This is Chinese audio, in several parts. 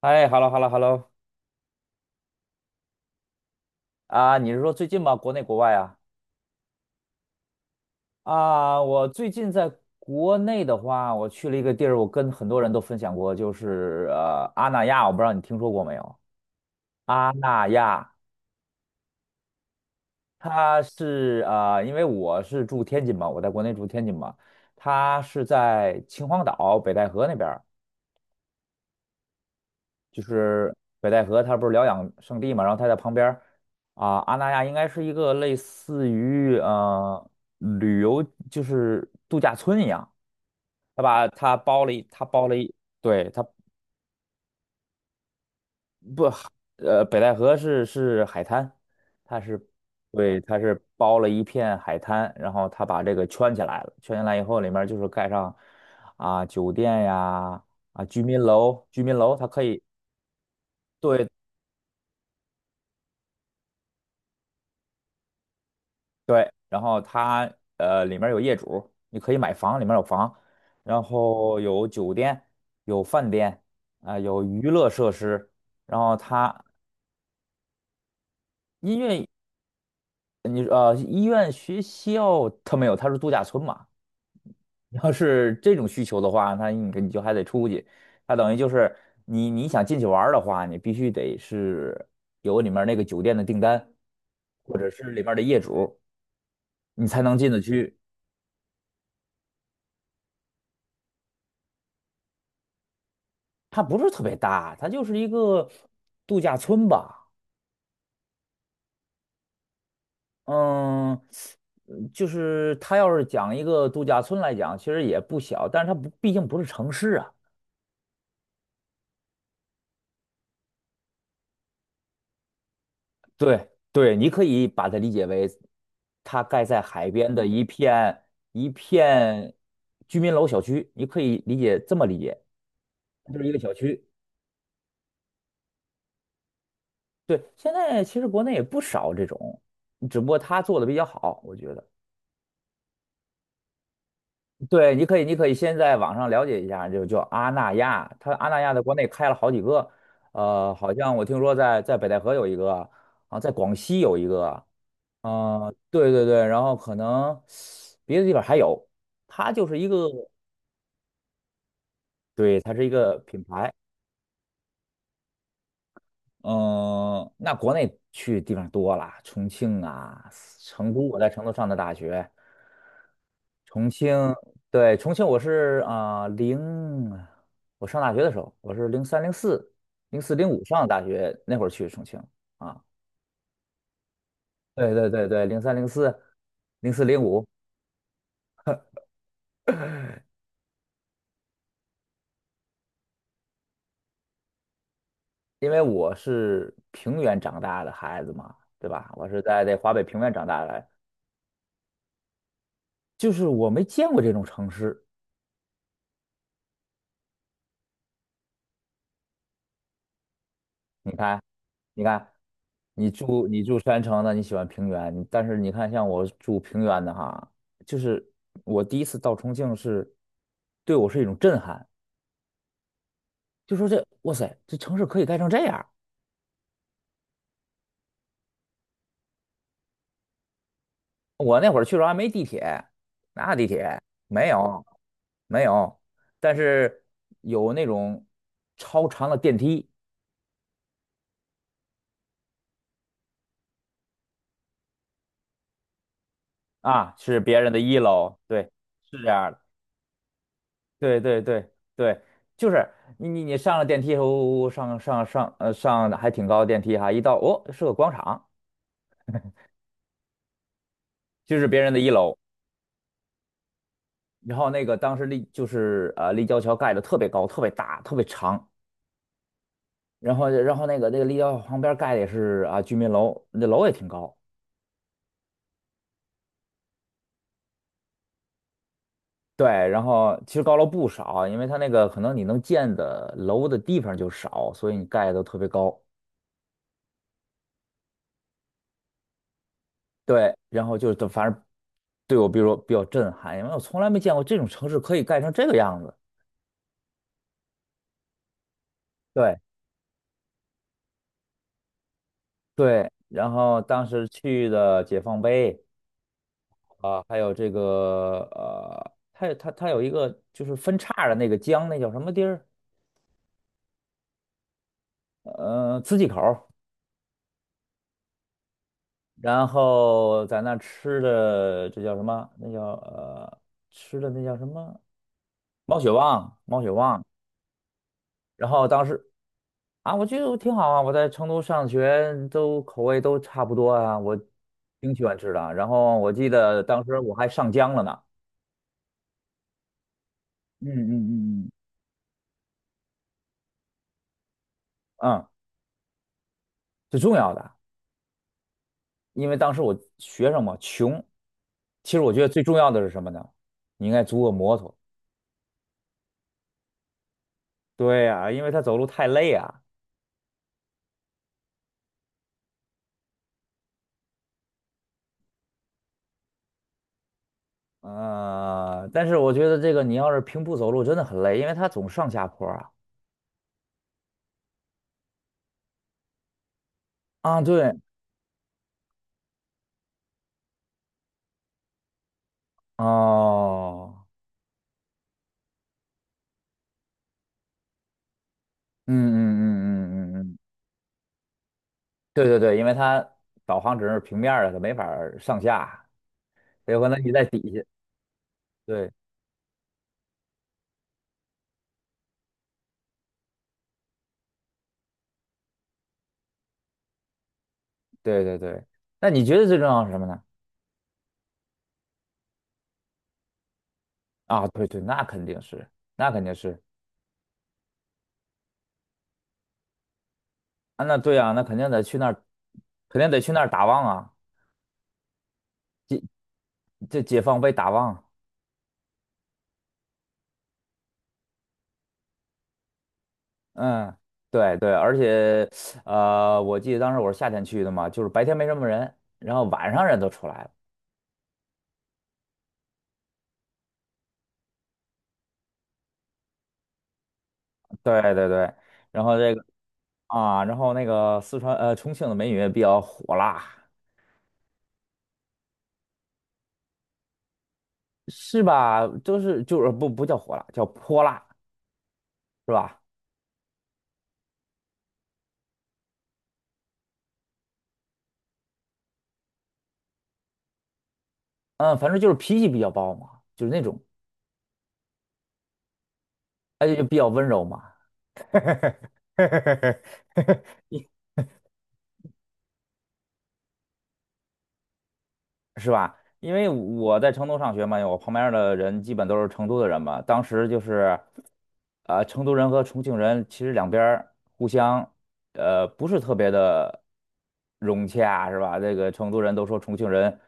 哎，hello hello hello。啊，你是说最近吗？国内国外啊？啊，我最近在国内的话，我去了一个地儿，我跟很多人都分享过，就是阿那亚，我不知道你听说过没有？阿那亚，它是因为我是住天津嘛，我在国内住天津嘛，它是在秦皇岛北戴河那边就是北戴河，它不是疗养圣地嘛，然后它在旁边儿阿那亚应该是一个类似于旅游就是度假村一样，它把它包了一，它包了一，对，它不，北戴河是海滩，它是对，它是包了一片海滩，然后它把这个圈起来了，圈起来以后里面就是盖上酒店呀居民楼，居民楼它可以。对对，然后它里面有业主，你可以买房，里面有房，然后有酒店，有饭店，有娱乐设施，然后它音乐你医院、学校它没有，它是度假村嘛。你要是这种需求的话，那你就还得出去，它等于就是你想进去玩儿的话，你必须得是有里面那个酒店的订单，或者是里面的业主，你才能进得去。它不是特别大，它就是一个度假村吧。嗯。就是它要是讲一个度假村来讲，其实也不小，但是它不，毕竟不是城市啊。对对，你可以把它理解为，它盖在海边的一片居民楼小区，你可以这么理解，就是一个小区。对，现在其实国内也不少这种，只不过他做的比较好，我觉得。对，你可以，你可以先在网上了解一下，就叫阿那亚，阿那亚在国内开了好几个。好像我听说在北戴河有一个，啊，在广西有一个。对对对，然后可能别的地方还有，它就是一个，对，它是一个品牌。嗯，那国内去地方多了，重庆啊，成都，我在成都上的大学。重庆，对，重庆，我是啊零、我上大学的时候，我是零三零四、零四零五上的大学，那会儿去重庆啊，对对对对，零三零四、零四零五。因为我是平原长大的孩子嘛，对吧？我是在这华北平原长大的，就是我没见过这种城市。你看，你看，你住山城的，你喜欢平原，你但是你看像我住平原的哈，就是我第一次到重庆是，对我是一种震撼，就说这哇塞，这城市可以盖成这样。我那会儿去的时候还没地铁，哪有地铁？没有，没有，但是有那种超长的电梯是别人的一楼，对，是这样的。对对对对，就是你上了电梯，呜呜呜上上上上的还挺高的电梯哈，一到哦是个广场，就是别人的一楼。然后那个当时就是立交桥盖的特别高，特别大，特别长。然后那个立交桥旁边盖的也是啊居民楼，那楼也挺高。对，然后其实高楼不少啊，因为它那个可能你能建的楼的地方就少，所以你盖的都特别高。对，然后就是反正对我比如说比较震撼，因为我从来没见过这种城市可以盖成这个样子。对对，然后当时去的解放碑还有这个它有一个就是分叉的那个江，那叫什么地儿？磁器口儿然后在那吃的这叫什么？吃的那叫什么？毛血旺，毛血旺。然后当时啊，我觉得我挺好啊，我在成都上学，都口味都差不多啊，我挺喜欢吃的啊。然后我记得当时我还上江了呢，嗯嗯嗯嗯，嗯，最重要的，因为当时我学生嘛穷，其实我觉得最重要的是什么呢？你应该租个摩托。对呀，因为他走路太累啊，但是我觉得这个你要是平步走路真的很累，因为他总上下坡啊。啊，对，哦，嗯嗯嗯嗯嗯嗯。对对对，因为它导航只是平面儿的，它没法儿上下，所以可能你在底下。对对对对，那你觉得最重要是什么呢？啊，对对，那肯定是，那肯定是啊，那对啊，那肯定得去那儿，肯定得去那儿打望啊，这解放碑打望。嗯，对对，而且我记得当时我是夏天去的嘛，就是白天没什么人，然后晚上人都出来了。对对对，然后这个然后那个重庆的美女也比较火辣。是吧？就是不叫火辣，叫泼辣，是吧？嗯，反正就是脾气比较暴嘛，就是那种，而且就比较温柔嘛。是吧？因为我在成都上学嘛，我旁边儿的人基本都是成都的人嘛。当时就是，成都人和重庆人其实两边儿互相，不是特别的融洽，是吧？这个成都人都说重庆人，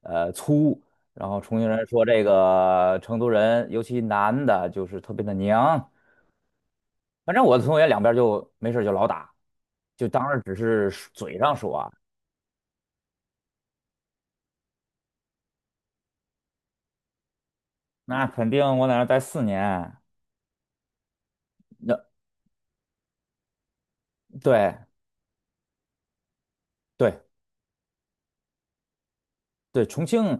粗，然后重庆人说这个成都人，尤其男的，就是特别的娘。反正我的同学两边儿就没事儿就老打，就当时只是嘴上说啊，那肯定我在那儿待4年。那对。对，对，重庆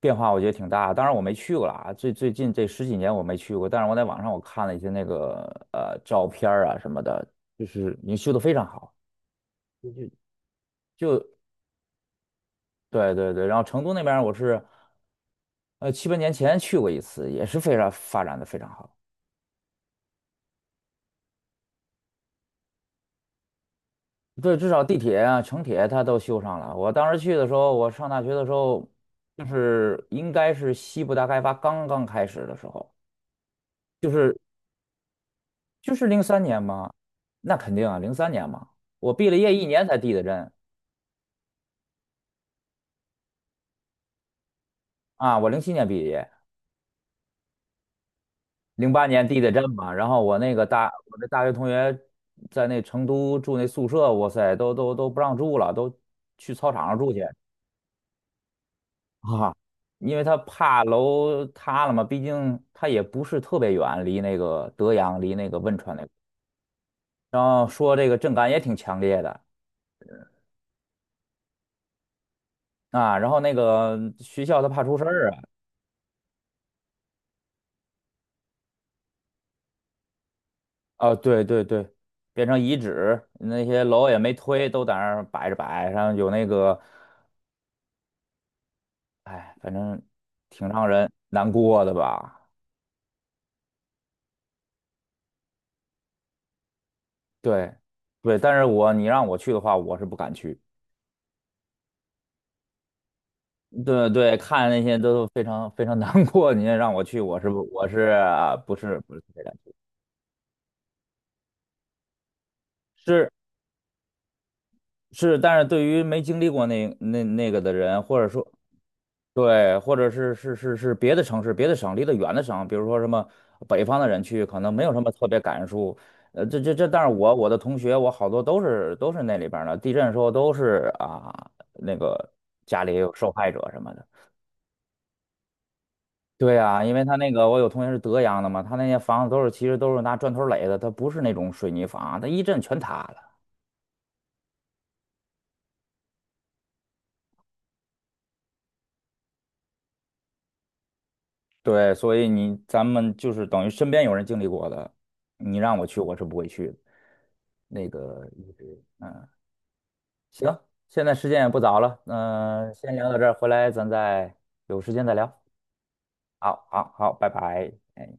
变化我觉得挺大，当然我没去过了啊，最近这十几年我没去过，但是我在网上我看了一些那个照片儿啊什么的，就是你修得非常好，就就就对对对，然后成都那边儿我是7、8年前去过一次，也是非常发展的非常好，对，至少地铁啊、城铁它都修上了。我当时去的时候，我上大学的时候，就是应该是西部大开发刚刚开始的时候。就是零三年嘛，那肯定啊，零三年嘛，我毕了业一年才递的震啊，我零七年毕业，零八年递的震嘛，然后我那大学同学在那成都住那宿舍，哇塞，都不让住了，都去操场上住去啊，因为他怕楼塌了嘛，毕竟他也不是特别远，离那个德阳，离那个汶川那个，然后说这个震感也挺强烈的啊，然后那个学校他怕出事儿。啊，对对对，变成遗址，那些楼也没推，都在那儿摆着摆，然后有那个，哎，反正挺让人难过的吧。对，对，但是你让我去的话，我是不敢去。对对，看那些都非常非常难过，你让我去，我是不我是啊不是不是特别敢去。是是，但是对于没经历过那个的人，或者说对，或者是别的城市、别的省、离得远的省，比如说什么北方的人去，可能没有什么特别感触。这这这，但是我的同学，我好多都是那里边儿的，地震的时候都是啊，那个家里有受害者什么的。对呀，因为他那个我有同学是德阳的嘛，他那些房子其实都是拿砖头垒的，他不是那种水泥房啊，他一震全塌了。对，所以咱们就是等于身边有人经历过的，你让我去，我是不会去的。那个，嗯。行，现在时间也不早了，嗯、先聊到这儿，回来咱再有时间再聊。好，好，好，拜拜。哎。